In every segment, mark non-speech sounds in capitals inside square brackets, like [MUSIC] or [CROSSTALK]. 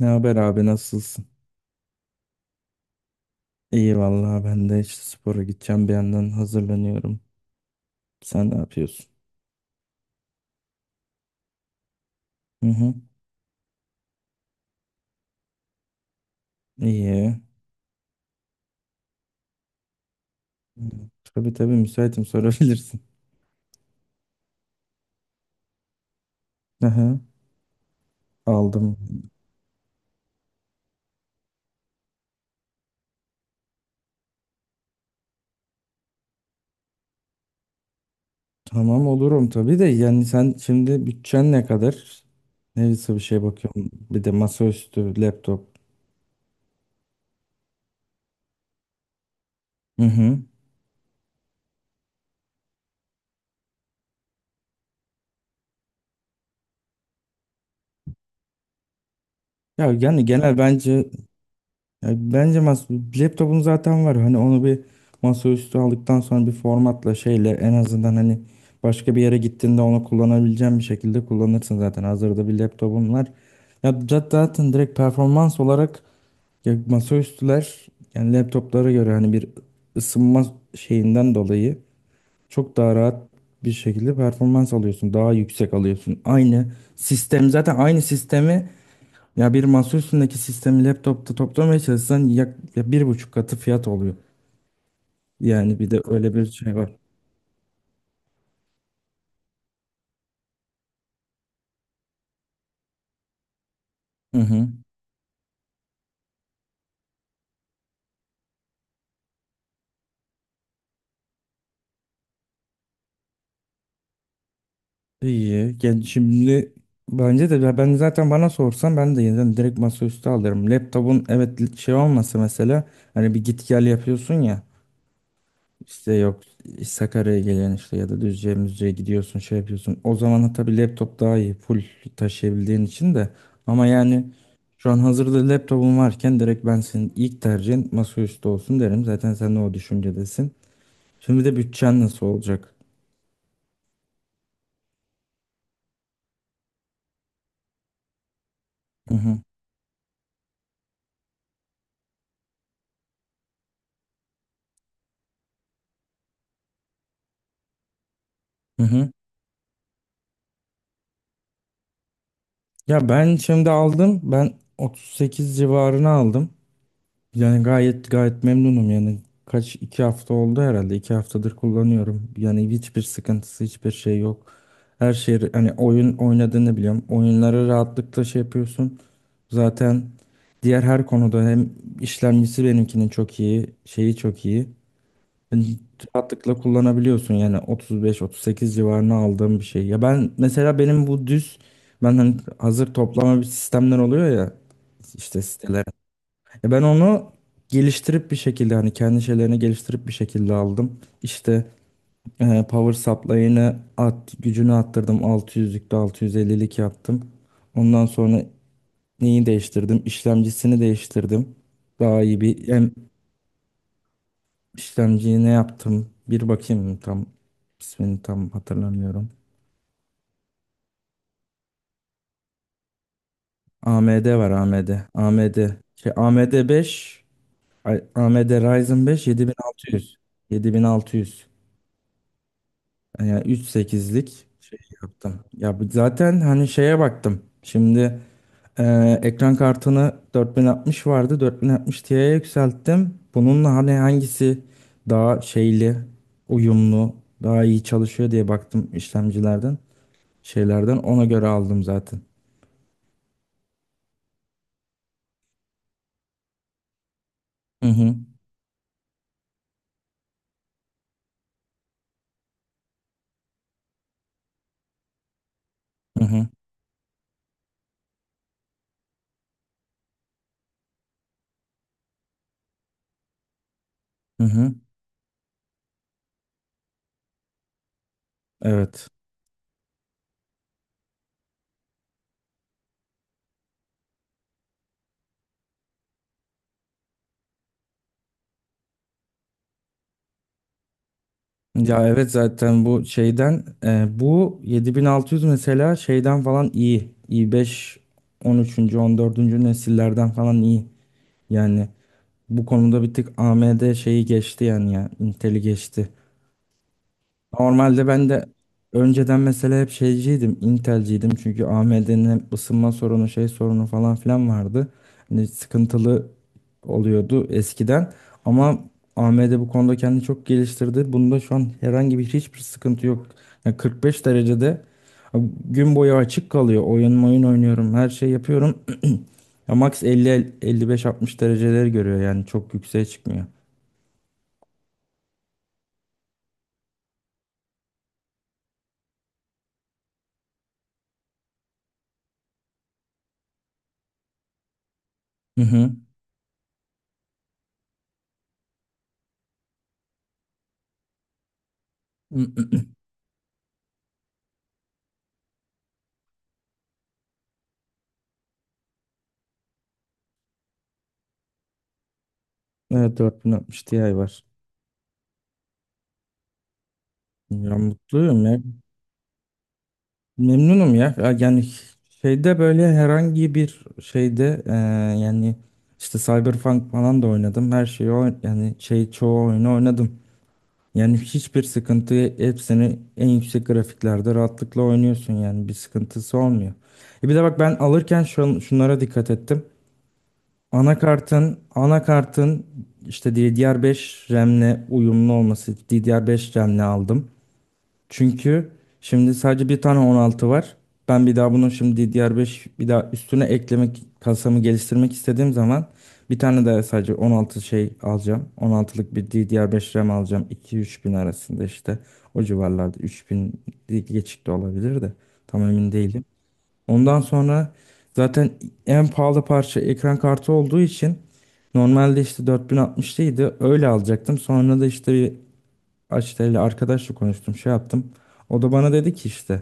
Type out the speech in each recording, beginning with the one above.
Ne haber abi nasılsın? İyi vallahi ben de işte spora gideceğim bir yandan hazırlanıyorum. Sen ne yapıyorsun? Hı hı. İyi. Hı. Tabii tabii müsaitim [LAUGHS] sorabilirsin. Hı hı. Aldım. Tamam olurum tabii de yani sen şimdi bütçen ne kadar? Neyse bir şey bakıyorum. Bir de masaüstü, laptop. Hı hı. Ya yani genel bence. Ya bence laptopun zaten var. Hani onu bir masaüstü aldıktan sonra bir formatla şeyle en azından hani başka bir yere gittiğinde onu kullanabileceğin bir şekilde kullanırsın zaten. Hazırda bir laptopun var. Ya zaten direkt performans olarak ya masaüstüler yani laptoplara göre hani bir ısınma şeyinden dolayı çok daha rahat bir şekilde performans alıyorsun. Daha yüksek alıyorsun. Aynı sistem zaten aynı sistemi ya bir masa üstündeki sistemi laptopta toplamaya çalışsan yak, ya bir buçuk katı fiyat oluyor. Yani bir de öyle bir şey var. Hı hı. İyi. Yani şimdi bence de ya ben zaten bana sorsan ben de yeniden direkt masaüstü alırım. Laptopun evet şey olmasa mesela hani bir git gel yapıyorsun ya. İşte yok Sakarya'ya gelen işte ya da Düzce'ye Müzce'ye gidiyorsun şey yapıyorsun. O zaman tabii laptop daha iyi full taşıyabildiğin için de. Ama yani şu an hazırda laptopum varken direkt ben senin ilk tercihin masaüstü olsun derim. Zaten sen de o düşüncedesin. Şimdi de bütçen nasıl olacak? Hı hı. Hı hı. Ya ben şimdi aldım. Ben 38 civarına aldım. Yani gayet gayet memnunum yani. Kaç iki hafta oldu herhalde. 2 haftadır kullanıyorum. Yani hiçbir sıkıntısı hiçbir şey yok. Her şey hani oyun oynadığını biliyorum. Oyunları rahatlıkla şey yapıyorsun. Zaten diğer her konuda hem işlemcisi benimkinin çok iyi, şeyi çok iyi. Yani rahatlıkla kullanabiliyorsun yani 35-38 civarına aldığım bir şey. Ya ben mesela benim bu düz ben hani hazır toplama bir sistemler oluyor ya işte siteler. Ya ben onu geliştirip bir şekilde hani kendi şeylerini geliştirip bir şekilde aldım. İşte power supply'ını at, gücünü arttırdım. 600'lükte 650'lik yaptım. Ondan sonra neyi değiştirdim? İşlemcisini değiştirdim. Daha iyi bir hem işlemciyi ne yaptım? Bir bakayım tam ismini tam hatırlamıyorum. AMD var AMD. AMD. Şey, AMD 5 ay, AMD Ryzen 5 7600. 7600. Yani 3.8'lik şey yaptım. Ya zaten hani şeye baktım. Şimdi ekran kartını 4060 vardı. 4060 Ti'ye yükselttim. Bununla hani hangisi daha şeyli, uyumlu, daha iyi çalışıyor diye baktım işlemcilerden, şeylerden. Ona göre aldım zaten. Hı hı. Hı hı. Hı hı. Evet. Ya evet zaten bu şeyden bu 7600 mesela şeyden falan iyi. i5 13. 14. nesillerden falan iyi. Yani bu konuda bir tık AMD şeyi geçti yani ya. Intel'i geçti. Normalde ben de önceden mesela hep şeyciydim. Intel'ciydim çünkü AMD'nin hep ısınma sorunu şey sorunu falan filan vardı. Hani sıkıntılı oluyordu eskiden. Ama AMD bu konuda kendini çok geliştirdi. Bunda şu an herhangi bir hiçbir sıkıntı yok. Yani 45 derecede gün boyu açık kalıyor. Oyun oynuyorum. Her şey yapıyorum. Ya max 50 55 60 dereceleri görüyor yani çok yükseğe çıkmıyor. Hı hı. [CLEARS THROAT] Evet 4060 Ti var. Ya mutluyum ya. Memnunum ya. Ya yani şeyde böyle herhangi bir şeyde yani işte Cyberpunk falan da oynadım. Her şeyi yani şey çoğu oyunu oynadım. Yani hiçbir sıkıntı hepsini en yüksek grafiklerde rahatlıkla oynuyorsun yani bir sıkıntısı olmuyor. E bir de bak ben alırken şunlara dikkat ettim. Anakartın işte DDR5 RAM'le uyumlu olması. DDR5 RAM'le aldım. Çünkü şimdi sadece bir tane 16 var. Ben bir daha bunun şimdi DDR5 bir daha üstüne eklemek kasamı geliştirmek istediğim zaman bir tane daha sadece 16 şey alacağım. 16'lık bir DDR5 RAM alacağım. 2-3 bin arasında işte o civarlarda 3 bin geçik de olabilir de tam emin değilim. Ondan sonra zaten en pahalı parça ekran kartı olduğu için normalde işte 4060'lıydı. Öyle alacaktım. Sonra da işte bir Açtel'le arkadaşla konuştum, şey yaptım. O da bana dedi ki işte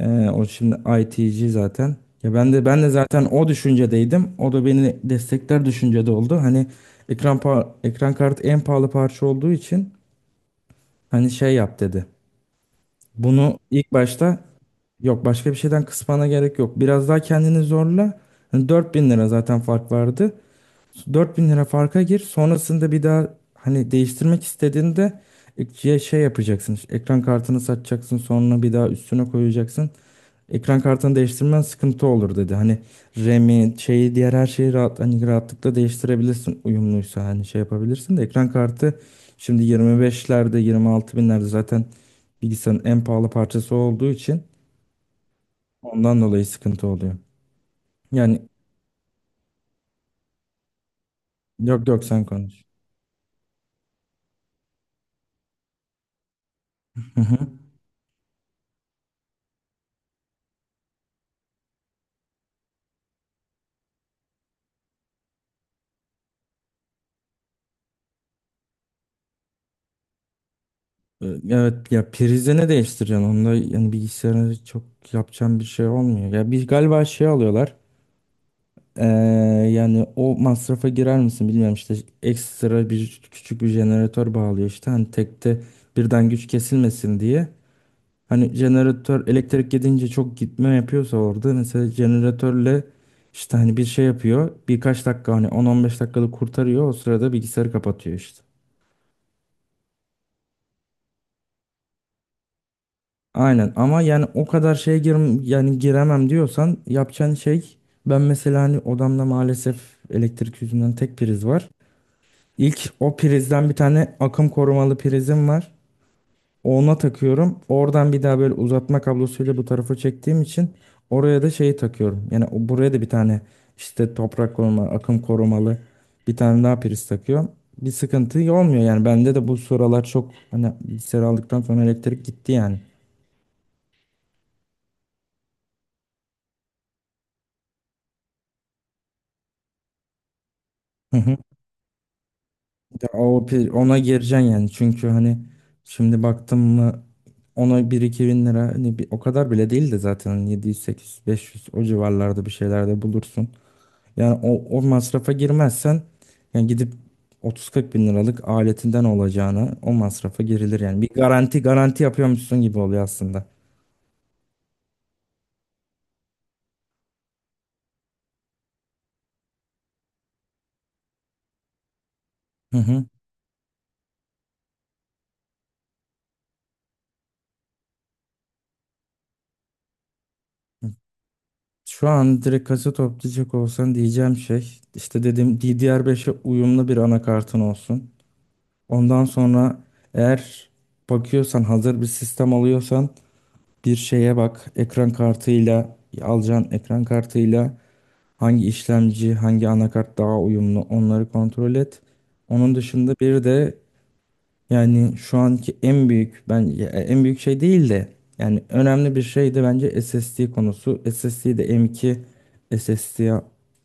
o şimdi ITC zaten. Ya ben de zaten o düşüncedeydim. O da beni destekler düşüncede oldu. Hani ekran ekran kartı en pahalı parça olduğu için hani şey yap dedi. Bunu ilk başta. Yok başka bir şeyden kısmana gerek yok. Biraz daha kendini zorla. Hani 4 bin lira zaten fark vardı. 4000 lira farka gir. Sonrasında bir daha hani değiştirmek istediğinde ikiye şey yapacaksın. İşte ekran kartını satacaksın. Sonra bir daha üstüne koyacaksın. Ekran kartını değiştirmen sıkıntı olur dedi. Hani RAM'i şeyi diğer her şeyi rahat, hani rahatlıkla değiştirebilirsin. Uyumluysa hani şey yapabilirsin de ekran kartı şimdi 25'lerde 26 binlerde zaten bilgisayarın en pahalı parçası olduğu için ondan dolayı sıkıntı oluyor. Yani yok yok sen konuş. Evet ya prize ne değiştireceksin? Onda yani bilgisayarına çok yapacağım bir şey olmuyor. Ya bir galiba şey alıyorlar. Ee, yani o masrafa girer misin bilmiyorum işte ekstra bir küçük bir jeneratör bağlıyor işte hani tekte birden güç kesilmesin diye. Hani jeneratör elektrik gidince çok gitme yapıyorsa orada mesela jeneratörle işte hani bir şey yapıyor birkaç dakika hani 10-15 dakikalık kurtarıyor o sırada bilgisayarı kapatıyor işte. Aynen ama yani o kadar şeye gir yani giremem diyorsan yapacağın şey ben mesela hani odamda maalesef elektrik yüzünden tek priz var. İlk o prizden bir tane akım korumalı prizim var. Ona takıyorum. Oradan bir daha böyle uzatma kablosuyla bu tarafa çektiğim için oraya da şeyi takıyorum. Yani buraya da bir tane işte toprak koruma, akım korumalı bir tane daha priz takıyorum. Bir sıkıntı olmuyor yani bende de bu sıralar çok hani bilgisayar aldıktan sonra elektrik gitti yani. [LAUGHS] Ya o ona gireceksin yani çünkü hani şimdi baktım mı ona bir 2 bin lira hani bir, o kadar bile değil de zaten hani 700 800 500 o civarlarda bir şeyler de bulursun. Yani o masrafa girmezsen yani gidip 30 40 bin liralık aletinden olacağına o masrafa girilir yani. Bir garanti garanti yapıyormuşsun gibi oluyor aslında. Hı hı. Şu an direkt kasa toplayacak olsan diyeceğim şey işte dediğim DDR5'e uyumlu bir anakartın olsun. Ondan sonra eğer bakıyorsan hazır bir sistem alıyorsan bir şeye bak. Ekran kartıyla alacağın ekran kartıyla hangi işlemci, hangi anakart daha uyumlu onları kontrol et. Onun dışında bir de yani şu anki en büyük ben en büyük şey değil de yani önemli bir şey de bence SSD konusu. SSD'yi de m M.2 SSD'ye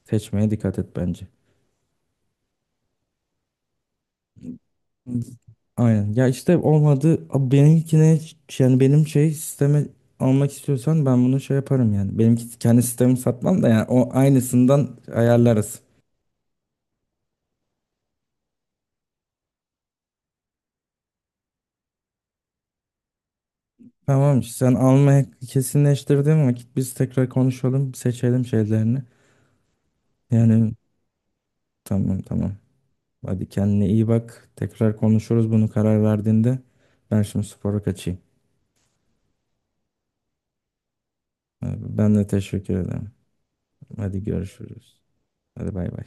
seçmeye dikkat et bence. Aynen. Ya işte olmadı. Abi benimkine yani benim şey sistemi almak istiyorsan ben bunu şey yaparım yani. Benimki kendi sistemi satmam da yani o aynısından ayarlarız. Tamam işte, sen almaya kesinleştirdiğin vakit biz tekrar konuşalım seçelim şeylerini. Yani tamam tamam. Hadi kendine iyi bak. Tekrar konuşuruz bunu karar verdiğinde. Ben şimdi spora kaçayım. Ben de teşekkür ederim. Hadi görüşürüz. Hadi bay bay.